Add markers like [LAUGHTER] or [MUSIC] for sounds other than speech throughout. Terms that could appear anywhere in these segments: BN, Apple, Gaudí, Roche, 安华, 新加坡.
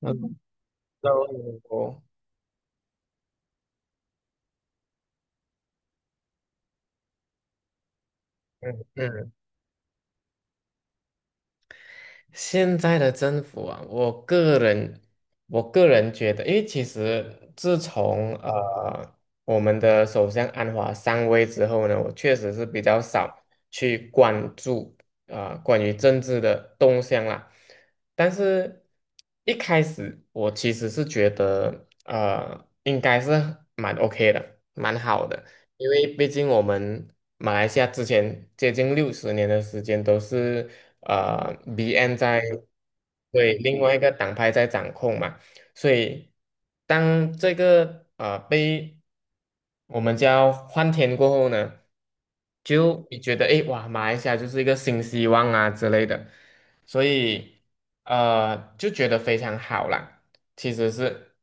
那嗯那我嗯嗯，现在的政府啊，我个人觉得，因为其实自从我们的首相安华上位之后呢，我确实是比较少去关注啊、关于政治的动向啦。但是一开始我其实是觉得应该是蛮 OK 的，蛮好的。因为毕竟我们马来西亚之前接近六十年的时间都是BN 对，另外一个党派在掌控嘛，所以当这个被我们叫换天过后呢，就你觉得诶，哇，马来西亚就是一个新希望啊之类的，所以就觉得非常好啦。其实是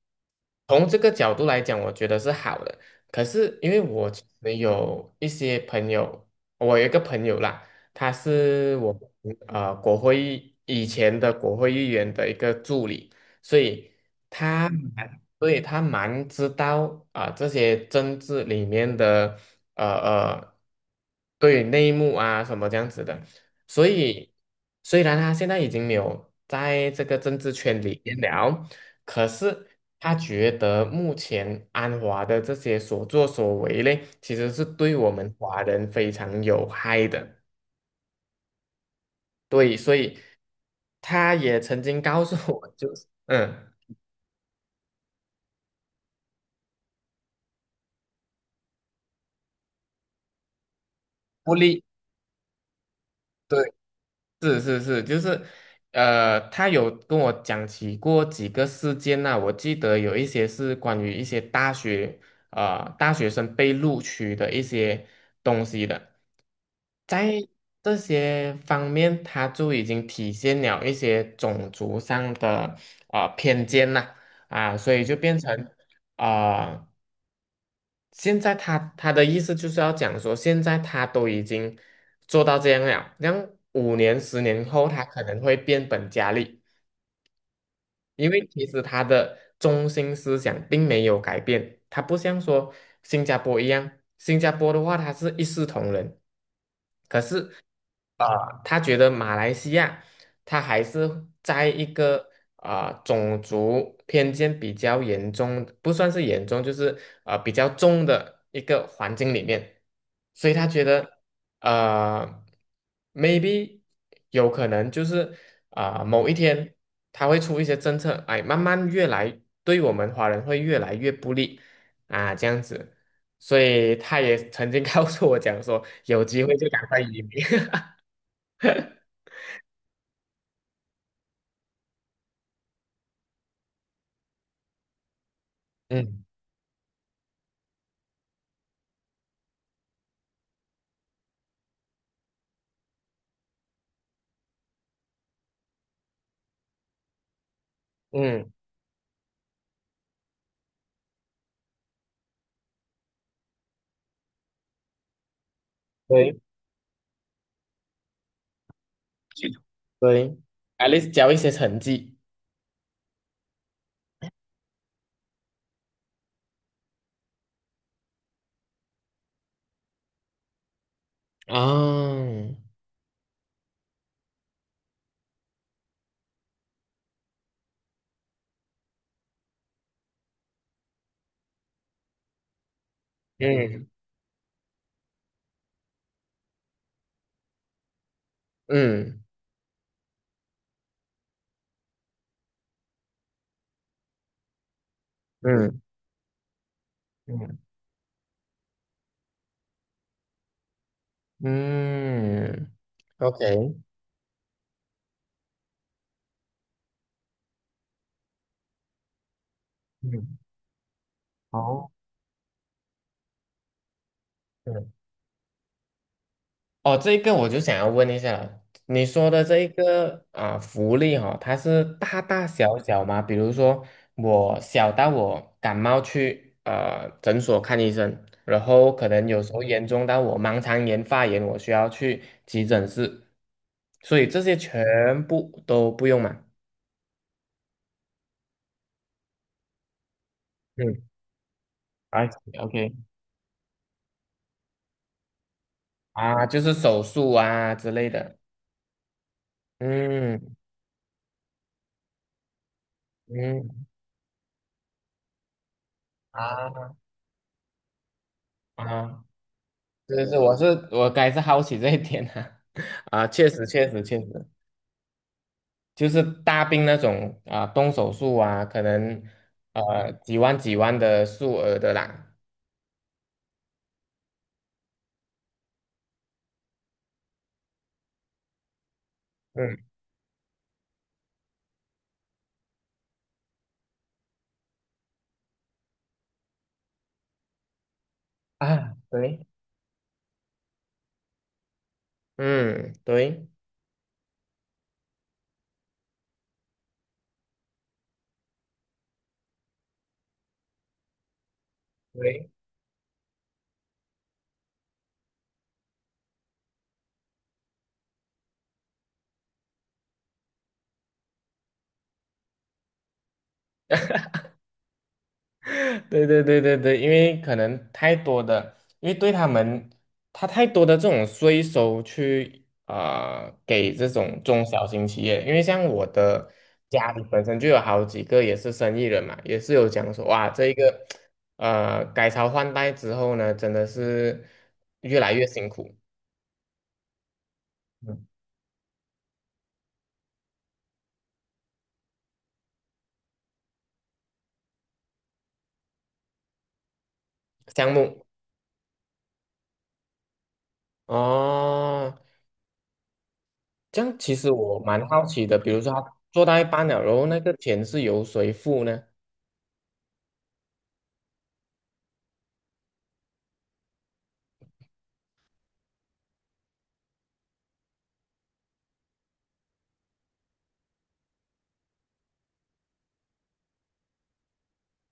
从这个角度来讲，我觉得是好的。可是因为我其实有一些朋友，我有一个朋友啦，他是我们国会议以前的国会议员的一个助理，所以他。所以他蛮知道啊、这些政治里面的呃呃对，内幕啊什么这样子的，所以虽然他现在已经没有在这个政治圈里面了，可是他觉得目前安华的这些所作所为嘞，其实是对我们华人非常有害的。对，所以他也曾经告诉我，就是不利。对。是是是，就是，他有跟我讲起过几个事件呐、我记得有一些是关于一些大学生被录取的一些东西的，在这些方面，他就已经体现了一些种族上的偏见呐、啊，所以就变成啊、呃现在他的意思就是要讲说，现在他都已经做到这样了，让5年、十年后，他可能会变本加厉，因为其实他的中心思想并没有改变，他不像说新加坡一样，新加坡的话，他是一视同仁，啊，他觉得马来西亚，他还是在一个种族偏见比较严重，不算是严重，就是比较重的一个环境里面，所以他觉得呃，maybe 有可能就是某一天他会出一些政策，哎，慢慢越来对我们华人会越来越不利啊，这样子，所以他也曾经告诉我讲说，有机会就赶快移民。[LAUGHS] 嗯嗯，对对 a l a s t 交一些成绩，啊，嗯嗯嗯嗯嗯，OK,嗯好。嗯。哦，这一个我就想要问一下了，你说的这一个啊、福利哈、它是大大小小吗？比如说我小到我感冒去诊所看医生，然后可能有时候严重到我盲肠炎发炎，我需要去急诊室，所以这些全部都不用嘛？嗯，I o k 啊，就是手术啊之类的，嗯嗯啊啊。是是，我该是好奇这一点啊，[LAUGHS] 啊，确实确实确实，就是大病那种啊，动手术啊，可能几万几万的数额的啦，嗯啊，对，嗯对。对对对对对，因为可能太多的，因为对他们，他太多的这种税收去啊、给这种中小型企业，因为像我的家里本身就有好几个也是生意人嘛，也是有讲说哇，这一个改朝换代之后呢，真的是越来越辛苦，嗯，项目哦，这样其实我蛮好奇的，比如说他做到一半了，然后那个钱是由谁付呢？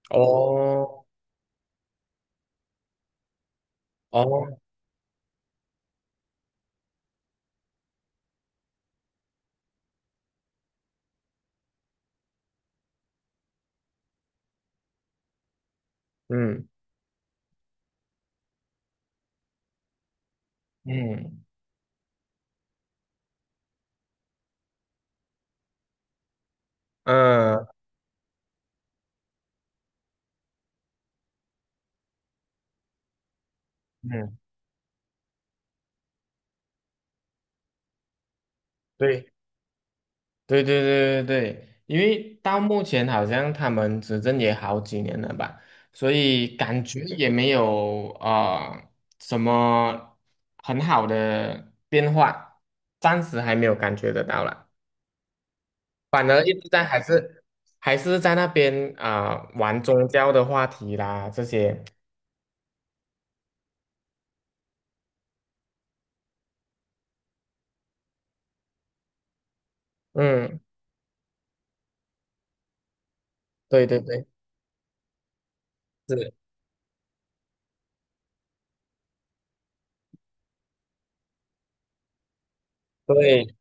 哦哦，嗯嗯嗯嗯，对对对对对对，因为到目前好像他们执政也好几年了吧，所以感觉也没有啊什么很好的变化，暂时还没有感觉得到了，反而一直在还是在那边啊、玩宗教的话题啦这些，嗯，对对对，是，对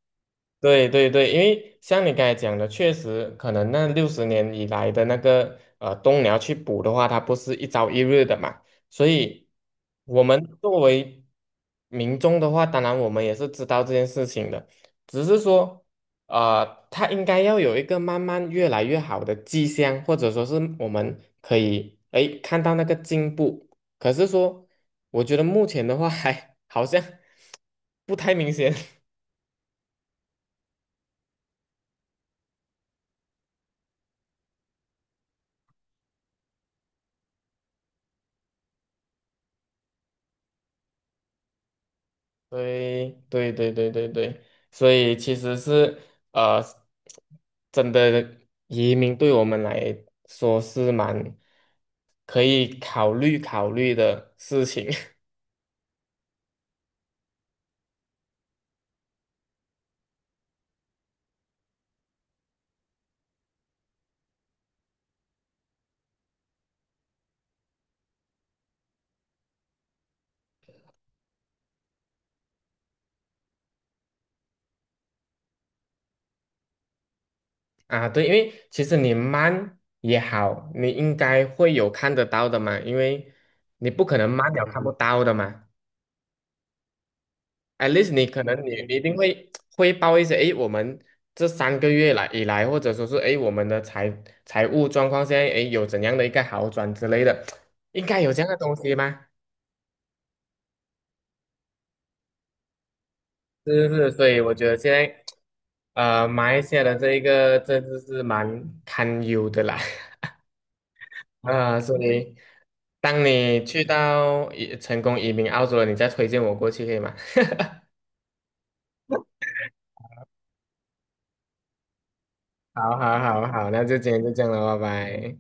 对对对，因为像你刚才讲的，确实可能那六十年以来的那个冬鸟去捕的话，它不是一朝一日的嘛，所以我们作为民众的话，当然我们也是知道这件事情的，只是说它应该要有一个慢慢越来越好的迹象，或者说是我们可以看到那个进步，可是说我觉得目前的话还 [LAUGHS] 好像不太明显。对对对对对对，所以其实是呃，真的移民对我们来说是蛮可以考虑考虑的事情 [LAUGHS] 啊。对，因为其实你慢也好，你应该会有看得到的嘛，因为你不可能慢了看不到的嘛。at least 你可能你一定会汇报一些，我们这3个月来以来，或者说是我们的财务状况现在有怎样的一个好转之类的，应该有这样的东西吗？是是，是，所以我觉得现在马来西亚的这一个政治是蛮堪忧的啦，[LAUGHS] 啊、所以当你去到成功移民澳洲了，你再推荐我过去可以吗？好好好好，那就今天就这样了，拜拜。